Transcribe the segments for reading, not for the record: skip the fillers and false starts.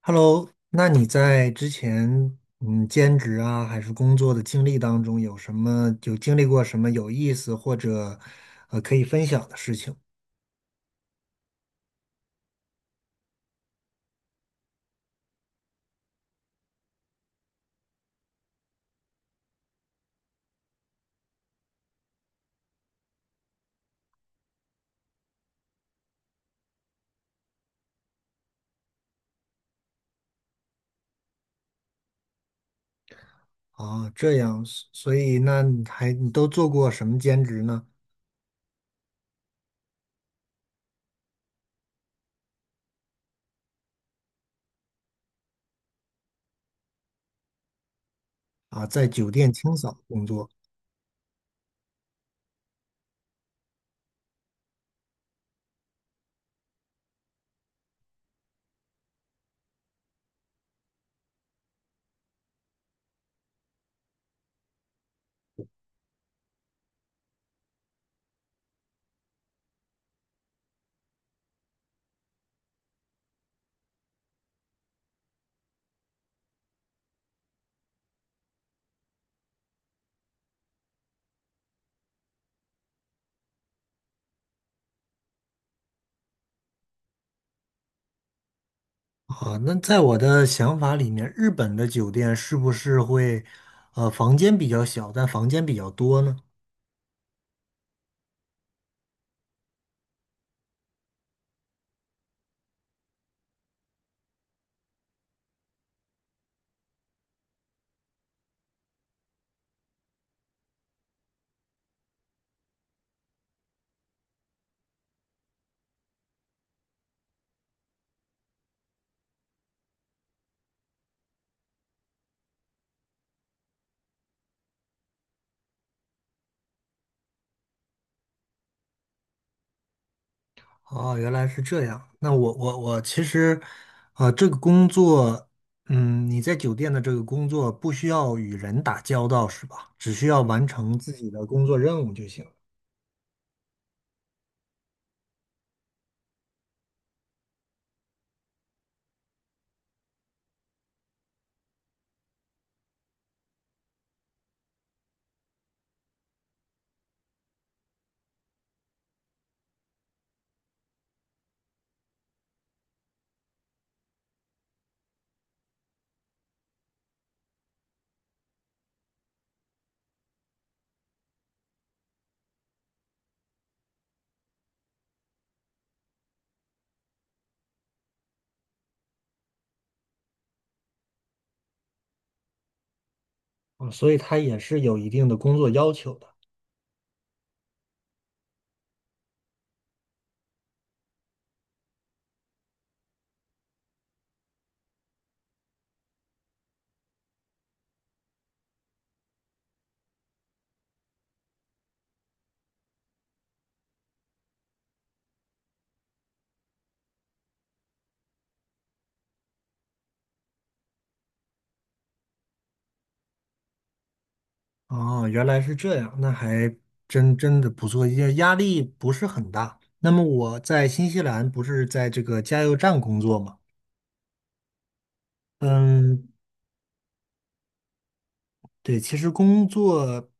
Hello,那你在之前兼职啊还是工作的经历当中，有什么有经历过什么有意思或者可以分享的事情啊？这样，所以那你还你都做过什么兼职呢？啊，在酒店清扫工作啊？那在我的想法里面，日本的酒店是不是会房间比较小，但房间比较多呢？哦，原来是这样。那我其实，啊、这个工作，嗯，你在酒店的这个工作不需要与人打交道，是吧？只需要完成自己的工作任务就行了。啊、所以它也是有一定的工作要求的。哦，原来是这样，那还真的不错，压力不是很大。那么我在新西兰不是在这个加油站工作吗？嗯，对，其实工作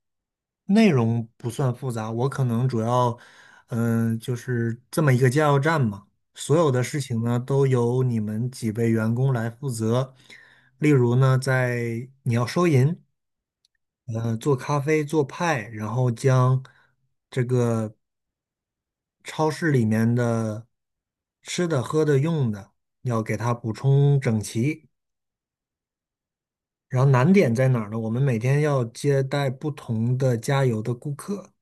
内容不算复杂，我可能主要，嗯，就是这么一个加油站嘛，所有的事情呢都由你们几位员工来负责。例如呢，在你要收银，做咖啡、做派，然后将这个超市里面的吃的、喝的、用的要给它补充整齐。然后难点在哪儿呢？我们每天要接待不同的加油的顾客。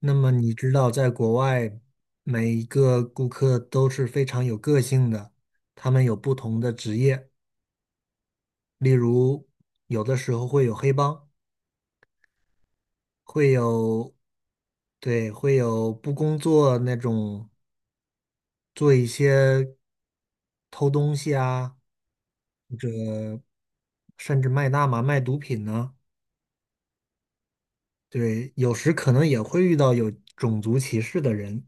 那么你知道，在国外，每一个顾客都是非常有个性的，他们有不同的职业，例如有的时候会有黑帮，会有，对，会有不工作那种做一些偷东西啊，或者甚至卖大麻、卖毒品呢、对，有时可能也会遇到有种族歧视的人。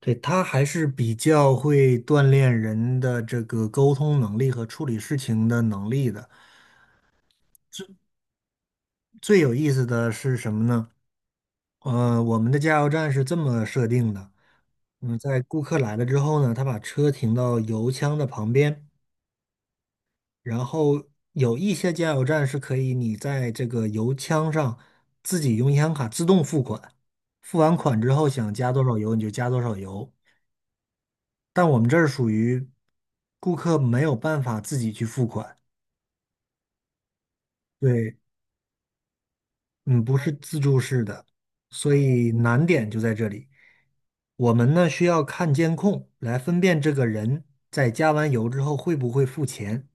对，它还是比较会锻炼人的这个沟通能力和处理事情的能力的。最有意思的是什么呢？我们的加油站是这么设定的，嗯，在顾客来了之后呢，他把车停到油枪的旁边，然后有一些加油站是可以你在这个油枪上自己用银行卡自动付款，付完款之后想加多少油你就加多少油，但我们这儿属于顾客没有办法自己去付款。对，嗯，不是自助式的，所以难点就在这里。我们呢需要看监控来分辨这个人在加完油之后会不会付钱。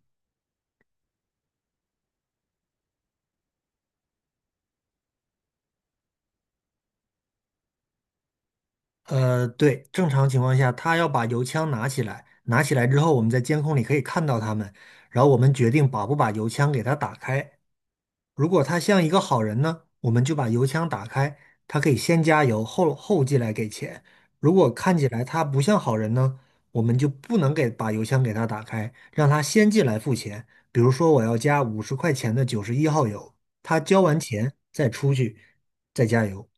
对，正常情况下他要把油枪拿起来，拿起来之后我们在监控里可以看到他们，然后我们决定把不把油枪给他打开。如果他像一个好人呢，我们就把油枪打开，他可以先加油，后进来给钱。如果看起来他不像好人呢，我们就不能给把油枪给他打开，让他先进来付钱。比如说我要加50块钱的91号油，他交完钱再出去再加油。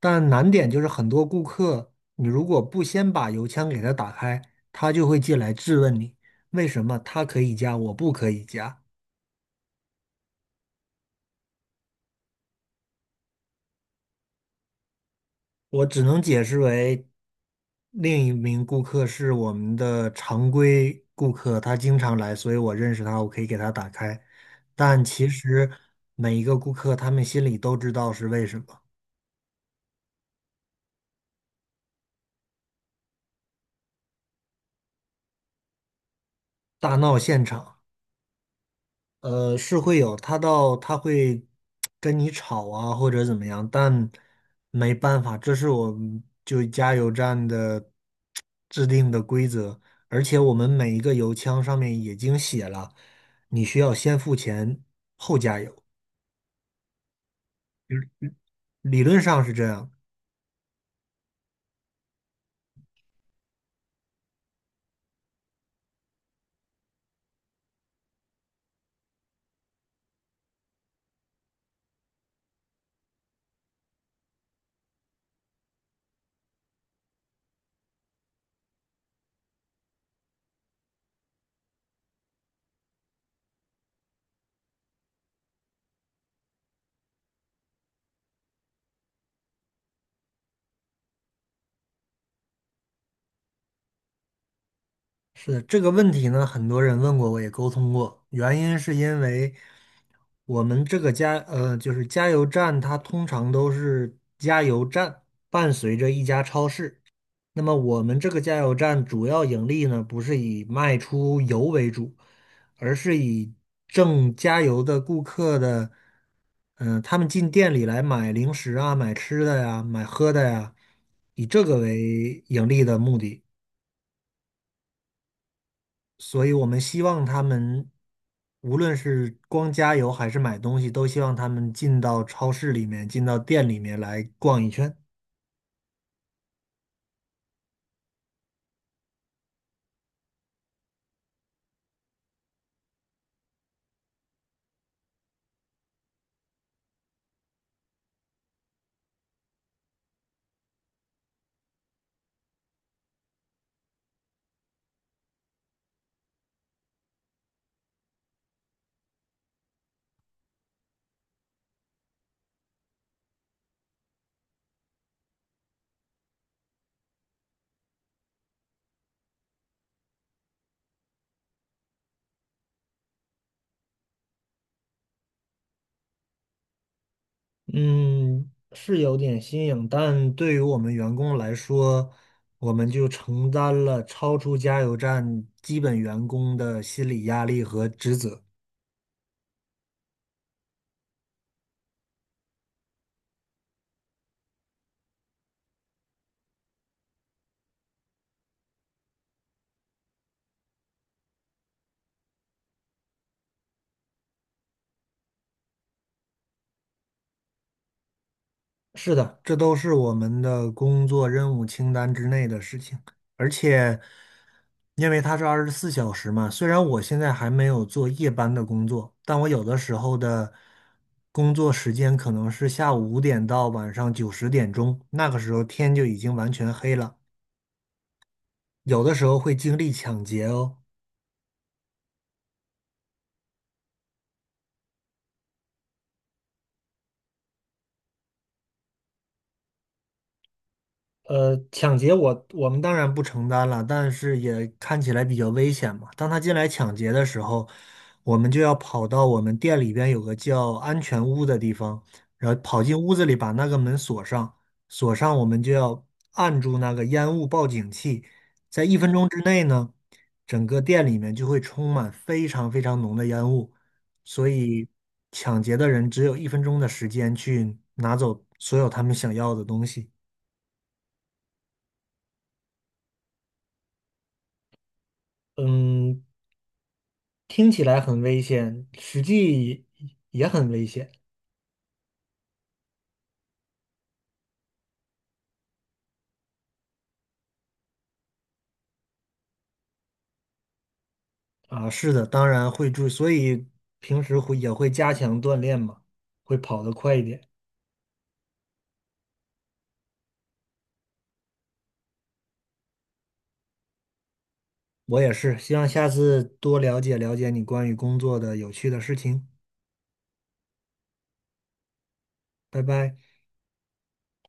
但难点就是很多顾客，你如果不先把油枪给他打开，他就会进来质问你为什么他可以加，我不可以加。我只能解释为，另一名顾客是我们的常规顾客，他经常来，所以我认识他，我可以给他打开。但其实每一个顾客，他们心里都知道是为什么。大闹现场。是会有，他会跟你吵啊，或者怎么样，但没办法，这是我们就加油站的制定的规则，而且我们每一个油枪上面已经写了，你需要先付钱后加油，理论上是这样，是这个问题呢，很多人问过，我也沟通过。原因是因为我们这个就是加油站，它通常都是加油站伴随着一家超市。那么我们这个加油站主要盈利呢，不是以卖出油为主，而是以挣加油的顾客的，他们进店里来买零食啊、买吃的呀、买喝的呀，以这个为盈利的目的。所以我们希望他们，无论是光加油还是买东西，都希望他们进到超市里面，进到店里面来逛一圈。嗯，是有点新颖，但对于我们员工来说，我们就承担了超出加油站基本员工的心理压力和职责。是的，这都是我们的工作任务清单之内的事情，而且因为它是24小时嘛，虽然我现在还没有做夜班的工作，但我有的时候的工作时间可能是下午5点到晚上9、10点钟，那个时候天就已经完全黑了，有的时候会经历抢劫哦。抢劫我们当然不承担了，但是也看起来比较危险嘛。当他进来抢劫的时候，我们就要跑到我们店里边有个叫安全屋的地方，然后跑进屋子里把那个门锁上，锁上我们就要按住那个烟雾报警器，在一分钟之内呢，整个店里面就会充满非常非常浓的烟雾，所以抢劫的人只有一分钟的时间去拿走所有他们想要的东西。嗯，听起来很危险，实际也很危险啊。是的，当然会注意，所以平时会也会加强锻炼嘛，会跑得快一点。我也是，希望下次多了解了解你关于工作的有趣的事情。拜拜。